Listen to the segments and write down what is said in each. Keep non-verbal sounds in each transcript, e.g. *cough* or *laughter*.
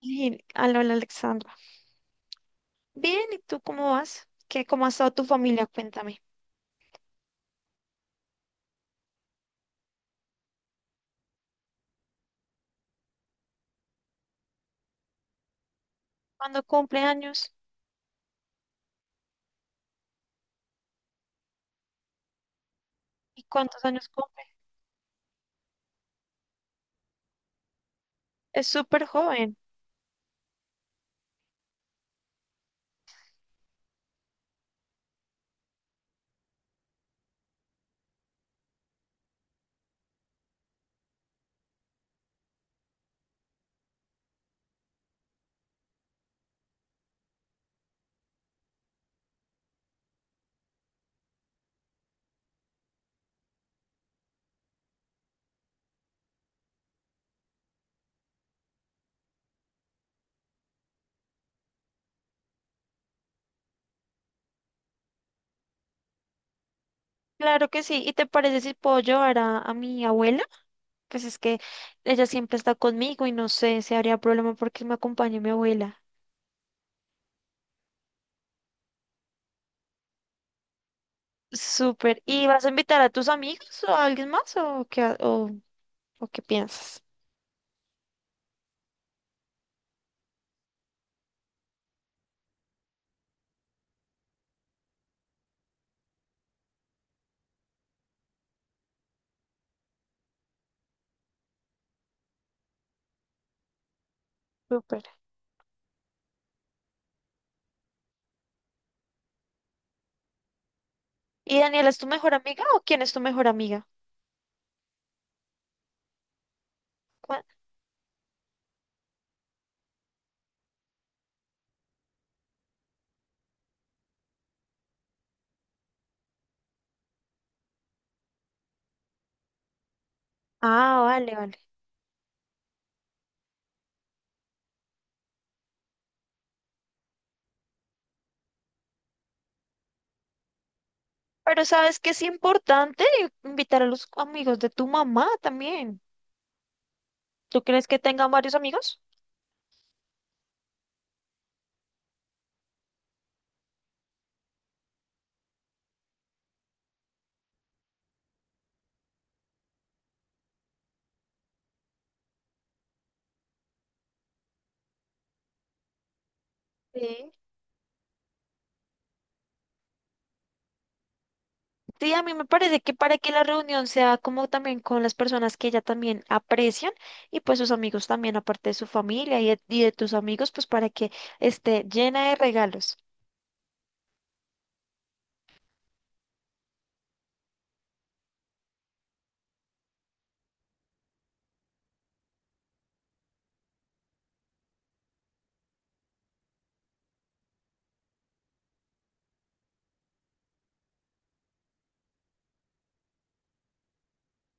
Hola, hola, Alexandra. Bien, ¿y tú cómo vas? ¿Cómo ha estado tu familia? Cuéntame. ¿Cuándo cumple años? ¿Y cuántos años cumple? Es súper joven. Claro que sí. ¿Y te parece si puedo llevar a mi abuela? Pues es que ella siempre está conmigo y no sé si habría problema porque me acompañe mi abuela. Súper. ¿Y vas a invitar a tus amigos o a alguien más o qué, o qué piensas? Súper. ¿Y Daniela es tu mejor amiga o quién es tu mejor amiga? ¿Cuál? Ah, vale, vale. Pero sabes que es importante invitar a los amigos de tu mamá también. ¿Tú crees que tengan varios amigos? Sí. Sí, a mí me parece que para que la reunión sea como también con las personas que ella también aprecian y pues sus amigos también, aparte de su familia y de tus amigos, pues para que esté llena de regalos.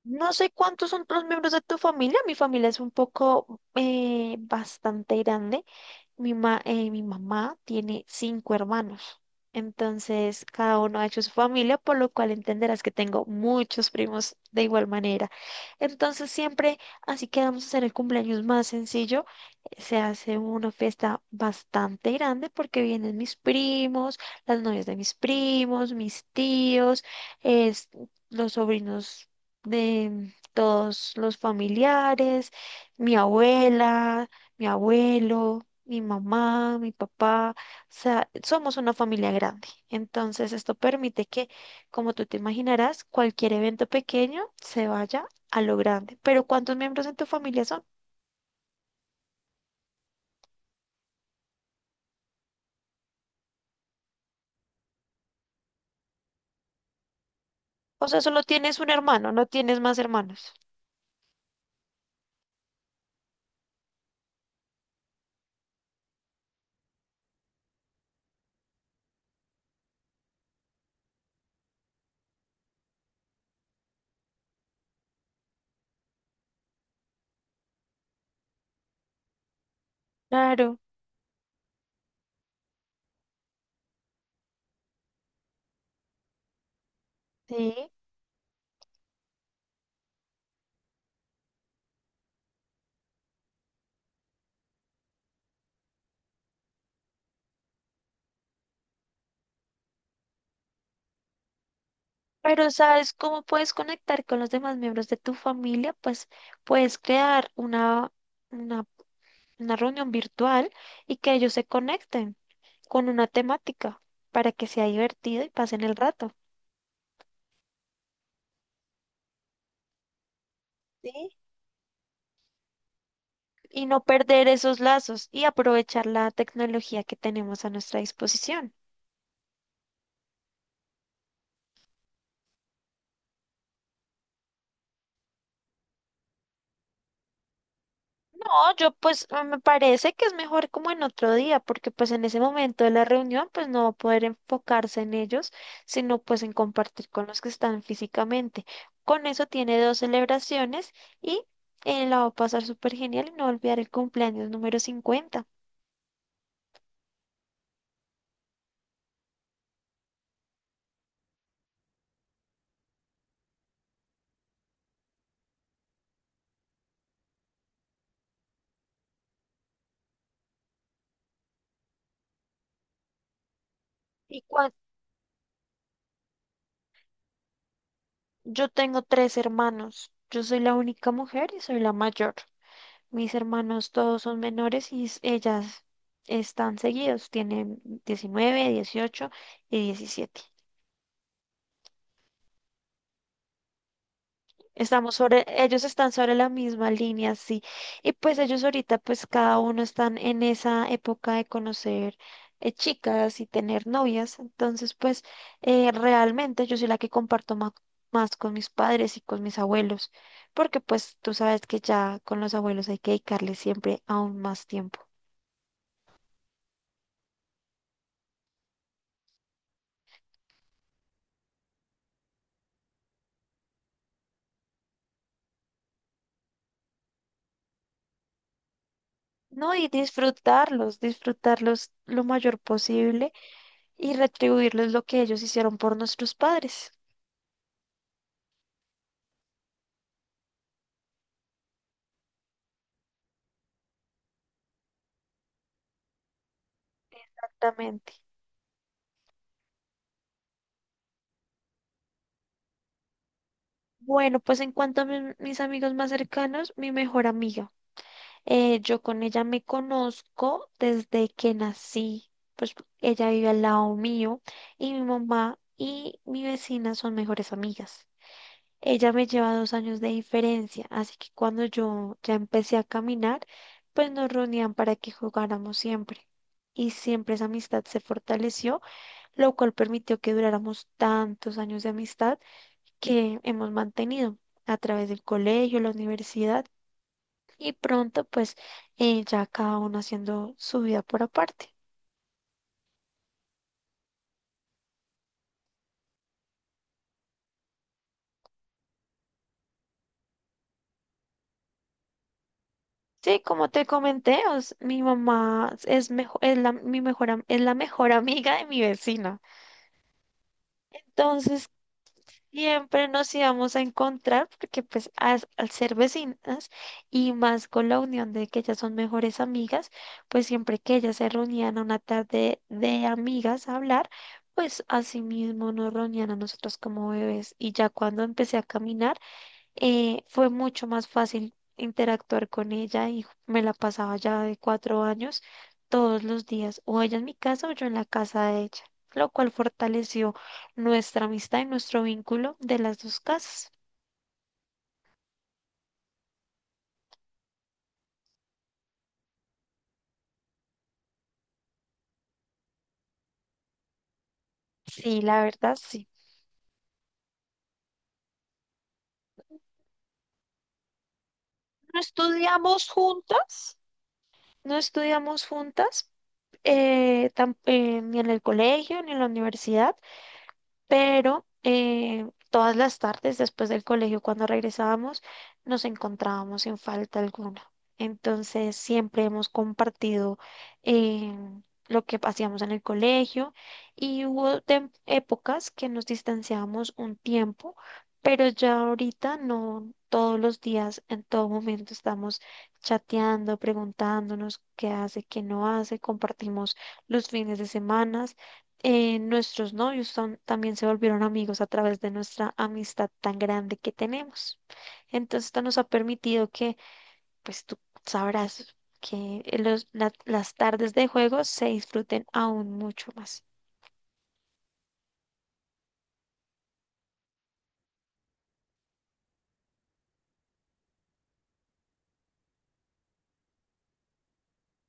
No sé cuántos son los miembros de tu familia. Mi familia es un poco bastante grande. Mi mamá tiene cinco hermanos, entonces cada uno ha hecho su familia, por lo cual entenderás que tengo muchos primos de igual manera. Entonces siempre, así que vamos a hacer el cumpleaños más sencillo. Se hace una fiesta bastante grande porque vienen mis primos, las novias de mis primos, mis tíos, es- los sobrinos de todos los familiares, mi abuela, mi abuelo, mi mamá, mi papá. O sea, somos una familia grande. Entonces, esto permite que, como tú te imaginarás, cualquier evento pequeño se vaya a lo grande. Pero ¿cuántos miembros en tu familia son? O sea, solo tienes un hermano, no tienes más hermanos. Claro, sí. Pero ¿sabes cómo puedes conectar con los demás miembros de tu familia? Pues puedes crear una, una reunión virtual y que ellos se conecten con una temática para que sea divertido y pasen el rato. ¿Sí? Y no perder esos lazos y aprovechar la tecnología que tenemos a nuestra disposición. No, yo pues me parece que es mejor como en otro día, porque pues en ese momento de la reunión pues no va a poder enfocarse en ellos, sino pues en compartir con los que están físicamente. Con eso tiene dos celebraciones y la va a pasar súper genial y no va a olvidar el cumpleaños número 50. Y cuan- yo tengo tres hermanos, yo soy la única mujer y soy la mayor. Mis hermanos todos son menores y ellas están seguidos, tienen 19, 18 y 17. Ellos están sobre la misma línea, sí. Y pues ellos ahorita, pues cada uno están en esa época de conocer chicas y tener novias. Entonces, pues realmente yo soy la que comparto más con mis padres y con mis abuelos, porque pues tú sabes que ya con los abuelos hay que dedicarle siempre aún más tiempo. No, y disfrutarlos, disfrutarlos lo mayor posible y retribuirles lo que ellos hicieron por nuestros padres. Exactamente. Bueno, pues en cuanto a mis amigos más cercanos, mi mejor amiga. Yo con ella me conozco desde que nací. Pues ella vive al lado mío y mi mamá y mi vecina son mejores amigas. Ella me lleva 2 años de diferencia, así que cuando yo ya empecé a caminar, pues nos reunían para que jugáramos siempre. Y siempre esa amistad se fortaleció, lo cual permitió que duráramos tantos años de amistad que hemos mantenido a través del colegio, la universidad y pronto pues ya cada uno haciendo su vida por aparte. Sí, como te comenté, mi mamá es mejor, es la, mi mejor, am- es la mejor *laughs* amiga de mi vecina. Entonces, siempre nos íbamos a encontrar porque pues al ser vecinas y más con la unión de que ellas son mejores amigas, pues siempre que ellas se reunían a una tarde de amigas a hablar, pues así mismo nos reunían a nosotros como bebés. Y ya cuando empecé a caminar, fue mucho más fácil interactuar con ella y me la pasaba ya de 4 años todos los días, o ella en mi casa o yo en la casa de ella, lo cual fortaleció nuestra amistad y nuestro vínculo de las dos casas. Sí, la verdad, sí. No estudiamos juntas, no estudiamos juntas, ni en el colegio ni en la universidad, pero todas las tardes después del colegio, cuando regresábamos, nos encontrábamos sin falta alguna. Entonces, siempre hemos compartido eh, lo que hacíamos en el colegio y hubo épocas que nos distanciábamos un tiempo, pero ya ahorita no todos los días, en todo momento estamos chateando, preguntándonos qué hace, qué no hace, compartimos los fines de semana. Nuestros novios también se volvieron amigos a través de nuestra amistad tan grande que tenemos. Entonces, esto nos ha permitido que, pues tú sabrás que las tardes de juego se disfruten aún mucho más.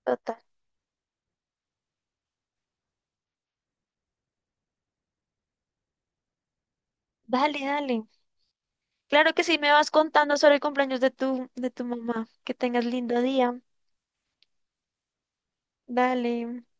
Total. Dale, dale. Claro que sí, me vas contando sobre el cumpleaños de tu mamá. Que tengas lindo día. Dale.